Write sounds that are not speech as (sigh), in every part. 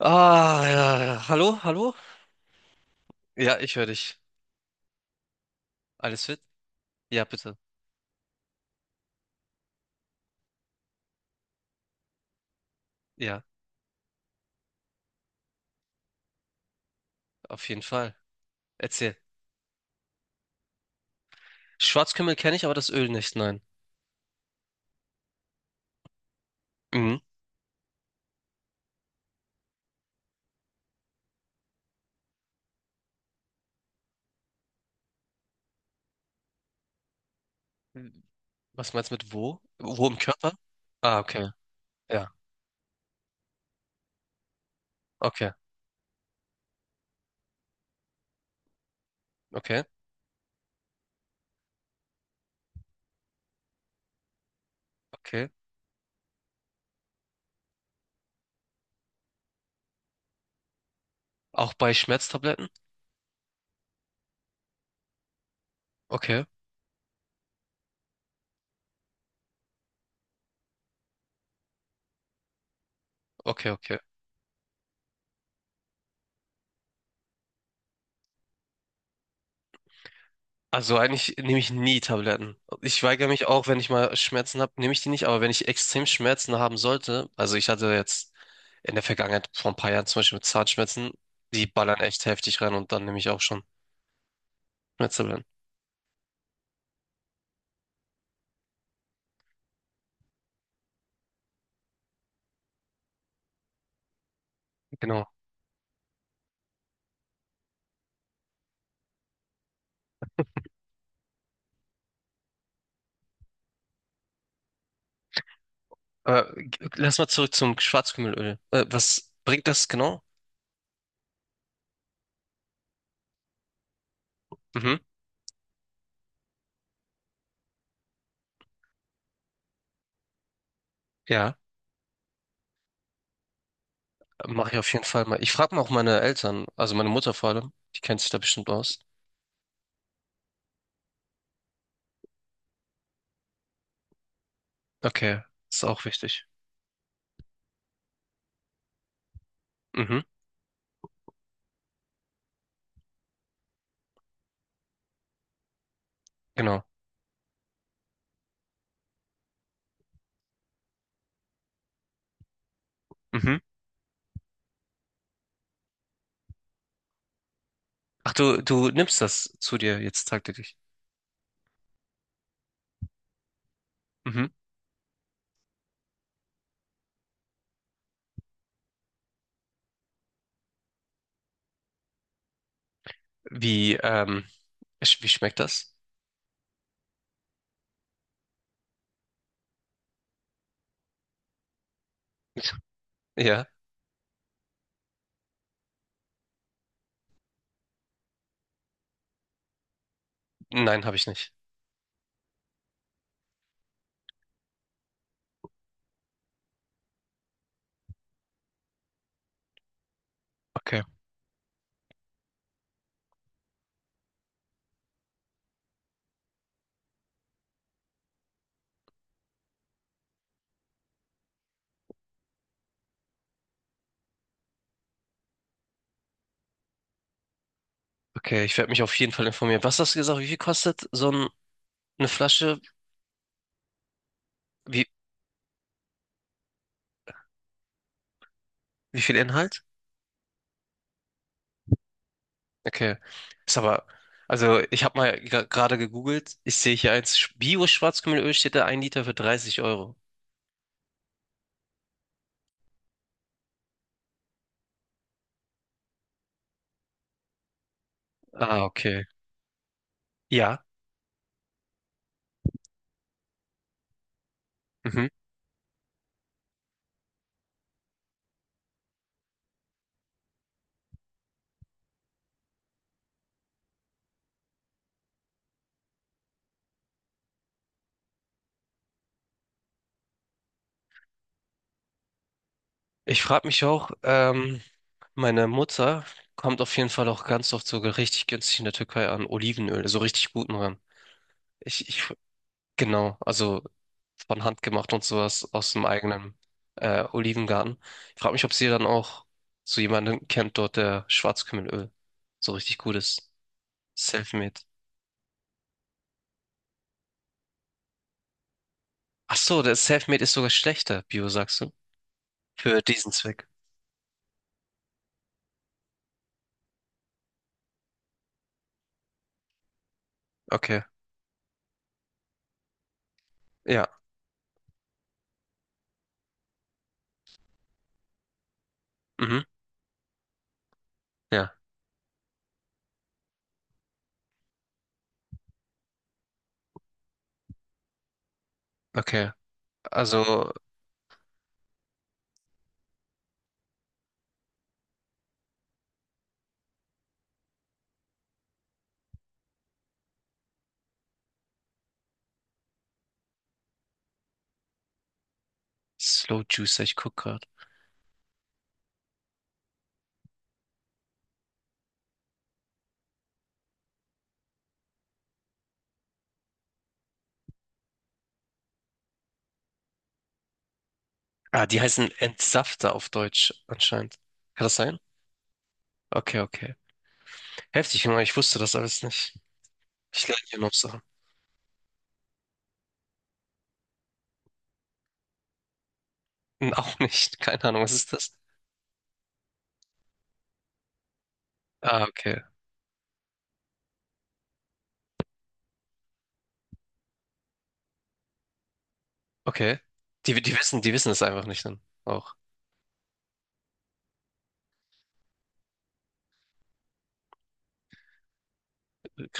Ja. Hallo, hallo? Ja, ich höre dich. Alles fit? Ja, bitte. Ja, auf jeden Fall. Erzähl. Schwarzkümmel kenne ich, aber das Öl nicht, nein. Mhm. Was meinst du mit wo? Wo im Körper? Ah, okay. Ja, okay. Okay, okay. Auch bei Schmerztabletten? Okay, okay, okay. Also eigentlich nehme ich nie Tabletten. Ich weigere mich auch, wenn ich mal Schmerzen habe, nehme ich die nicht. Aber wenn ich extrem Schmerzen haben sollte, also ich hatte jetzt in der Vergangenheit vor ein paar Jahren zum Beispiel mit Zahnschmerzen, die ballern echt heftig rein und dann nehme ich auch schon Schmerztabletten. Genau. Aber lass mal zurück zum Schwarzkümmelöl. Was bringt das genau? Mhm. Ja, mache ich auf jeden Fall mal. Ich frage mal auch meine Eltern, also meine Mutter vor allem, die kennt sich da bestimmt aus. Okay, ist auch wichtig. Mhm, genau. Mhm. Ach, du nimmst das zu dir jetzt tagtäglich. Mhm. Wie, wie schmeckt das? (laughs) Ja, nein, habe ich nicht. Okay, okay, ich werde mich auf jeden Fall informieren. Was hast du gesagt? Wie viel kostet so ein, eine Flasche? Wie, wie viel Inhalt? Okay, ist aber, also ich habe mal gerade gegoogelt. Ich sehe hier eins, Bio-Schwarzkümmelöl steht da, ein Liter für 30 Euro. Ah, okay. Ja. Mhm. Ich frage mich auch, meine Mutter kommt auf jeden Fall auch ganz oft sogar richtig günstig in der Türkei an Olivenöl, so richtig guten ran. Ich, ich, genau, also von Hand gemacht und sowas aus dem eigenen Olivengarten. Ich frage mich, ob sie dann auch so jemanden kennt dort, der Schwarzkümmelöl so richtig gut ist. Selfmade. Ach so, das Selfmade ist sogar schlechter, Bio, sagst du? Für diesen Zweck. Okay, ja, mhm, ja, okay. Also Slow Juicer, ich guck grad. Ah, die heißen Entsafter auf Deutsch anscheinend. Kann das sein? Okay, okay. Heftig, Junge, ich wusste das alles nicht. Ich lerne hier noch Sachen. (laughs) Hm, auch nicht. Keine Ahnung, was ist das? Ah, okay. Okay. Die wissen, die wissen es einfach nicht dann. Auch.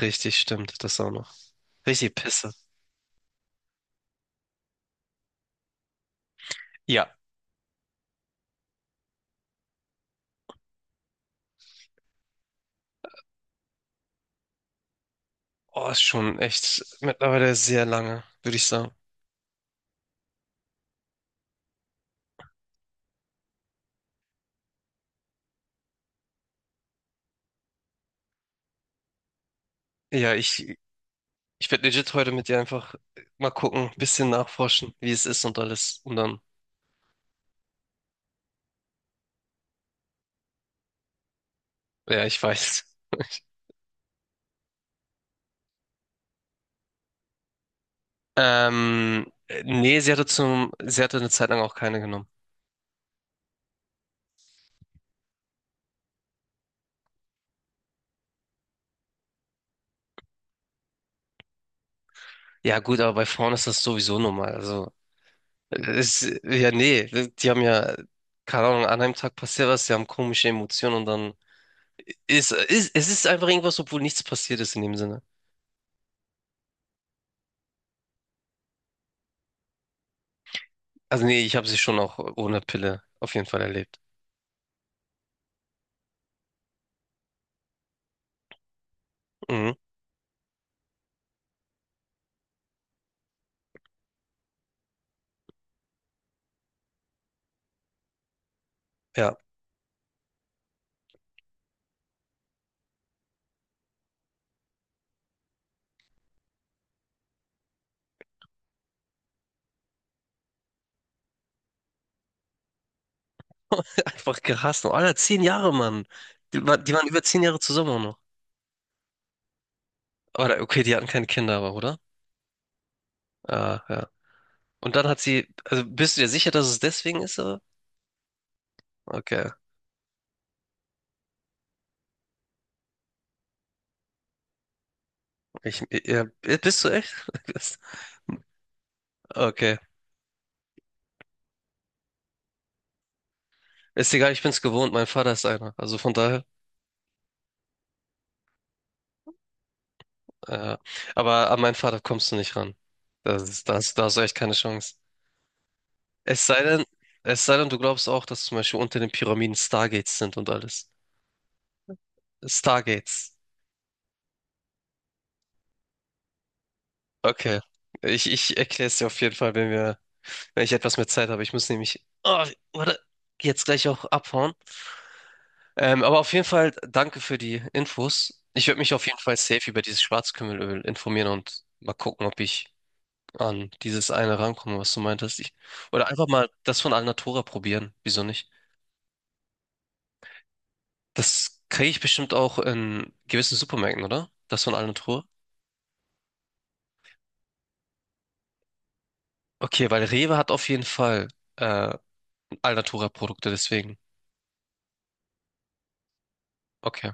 Richtig, stimmt. Das auch noch. Richtig Pisse. Ja. Oh, ist schon echt mittlerweile sehr lange, würde ich sagen. Ja, ich, ich werde legit heute mit dir einfach mal gucken, bisschen nachforschen, wie es ist und alles. Und dann, ja, ich weiß. Ähm, nee, sie hatte eine Zeit lang auch keine genommen. Ja, gut, aber bei Frauen ist das sowieso normal. Also, es, ja, nee, die haben ja, keine Ahnung, an einem Tag passiert was, sie haben komische Emotionen und dann es ist einfach irgendwas, obwohl nichts passiert ist in dem Sinne. Also, nee, ich habe sie schon auch ohne Pille auf jeden Fall erlebt. Mhm, ja, (laughs) einfach gehasst. Und Alter, 10 Jahre, Mann. Die waren über 10 Jahre zusammen auch noch. Aber okay, die hatten keine Kinder, aber, oder? Ah, ja. Und dann hat sie, also bist du dir sicher, dass es deswegen ist? Okay. Ich, ja, bist du echt? (laughs) Okay. Ist egal, ich bin's gewohnt. Mein Vater ist einer. Also von daher. Äh, aber an meinen Vater kommst du nicht ran. Das ist, da hast du echt keine Chance. Es sei denn, es sei denn, du glaubst auch, dass zum Beispiel unter den Pyramiden Stargates sind und alles. Stargates. Okay. Ich erkläre es dir auf jeden Fall, wenn ich etwas mehr Zeit habe. Ich muss nämlich, oh, warte, jetzt gleich auch abhauen. Aber auf jeden Fall danke für die Infos. Ich werde mich auf jeden Fall safe über dieses Schwarzkümmelöl informieren und mal gucken, ob ich an dieses eine rankomme, was du meintest. Oder einfach mal das von Alnatura probieren. Wieso nicht? Das kriege ich bestimmt auch in gewissen Supermärkten, oder? Das von Alnatura? Okay, weil Rewe hat auf jeden Fall äh, Alnatura-Produkte, deswegen. Okay.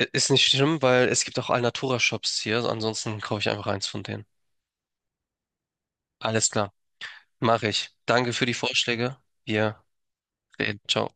Ist nicht schlimm, weil es gibt auch Alnatura-Shops hier. So ansonsten kaufe ich einfach eins von denen. Alles klar. Mache ich. Danke für die Vorschläge. Wir bis dahin, ciao.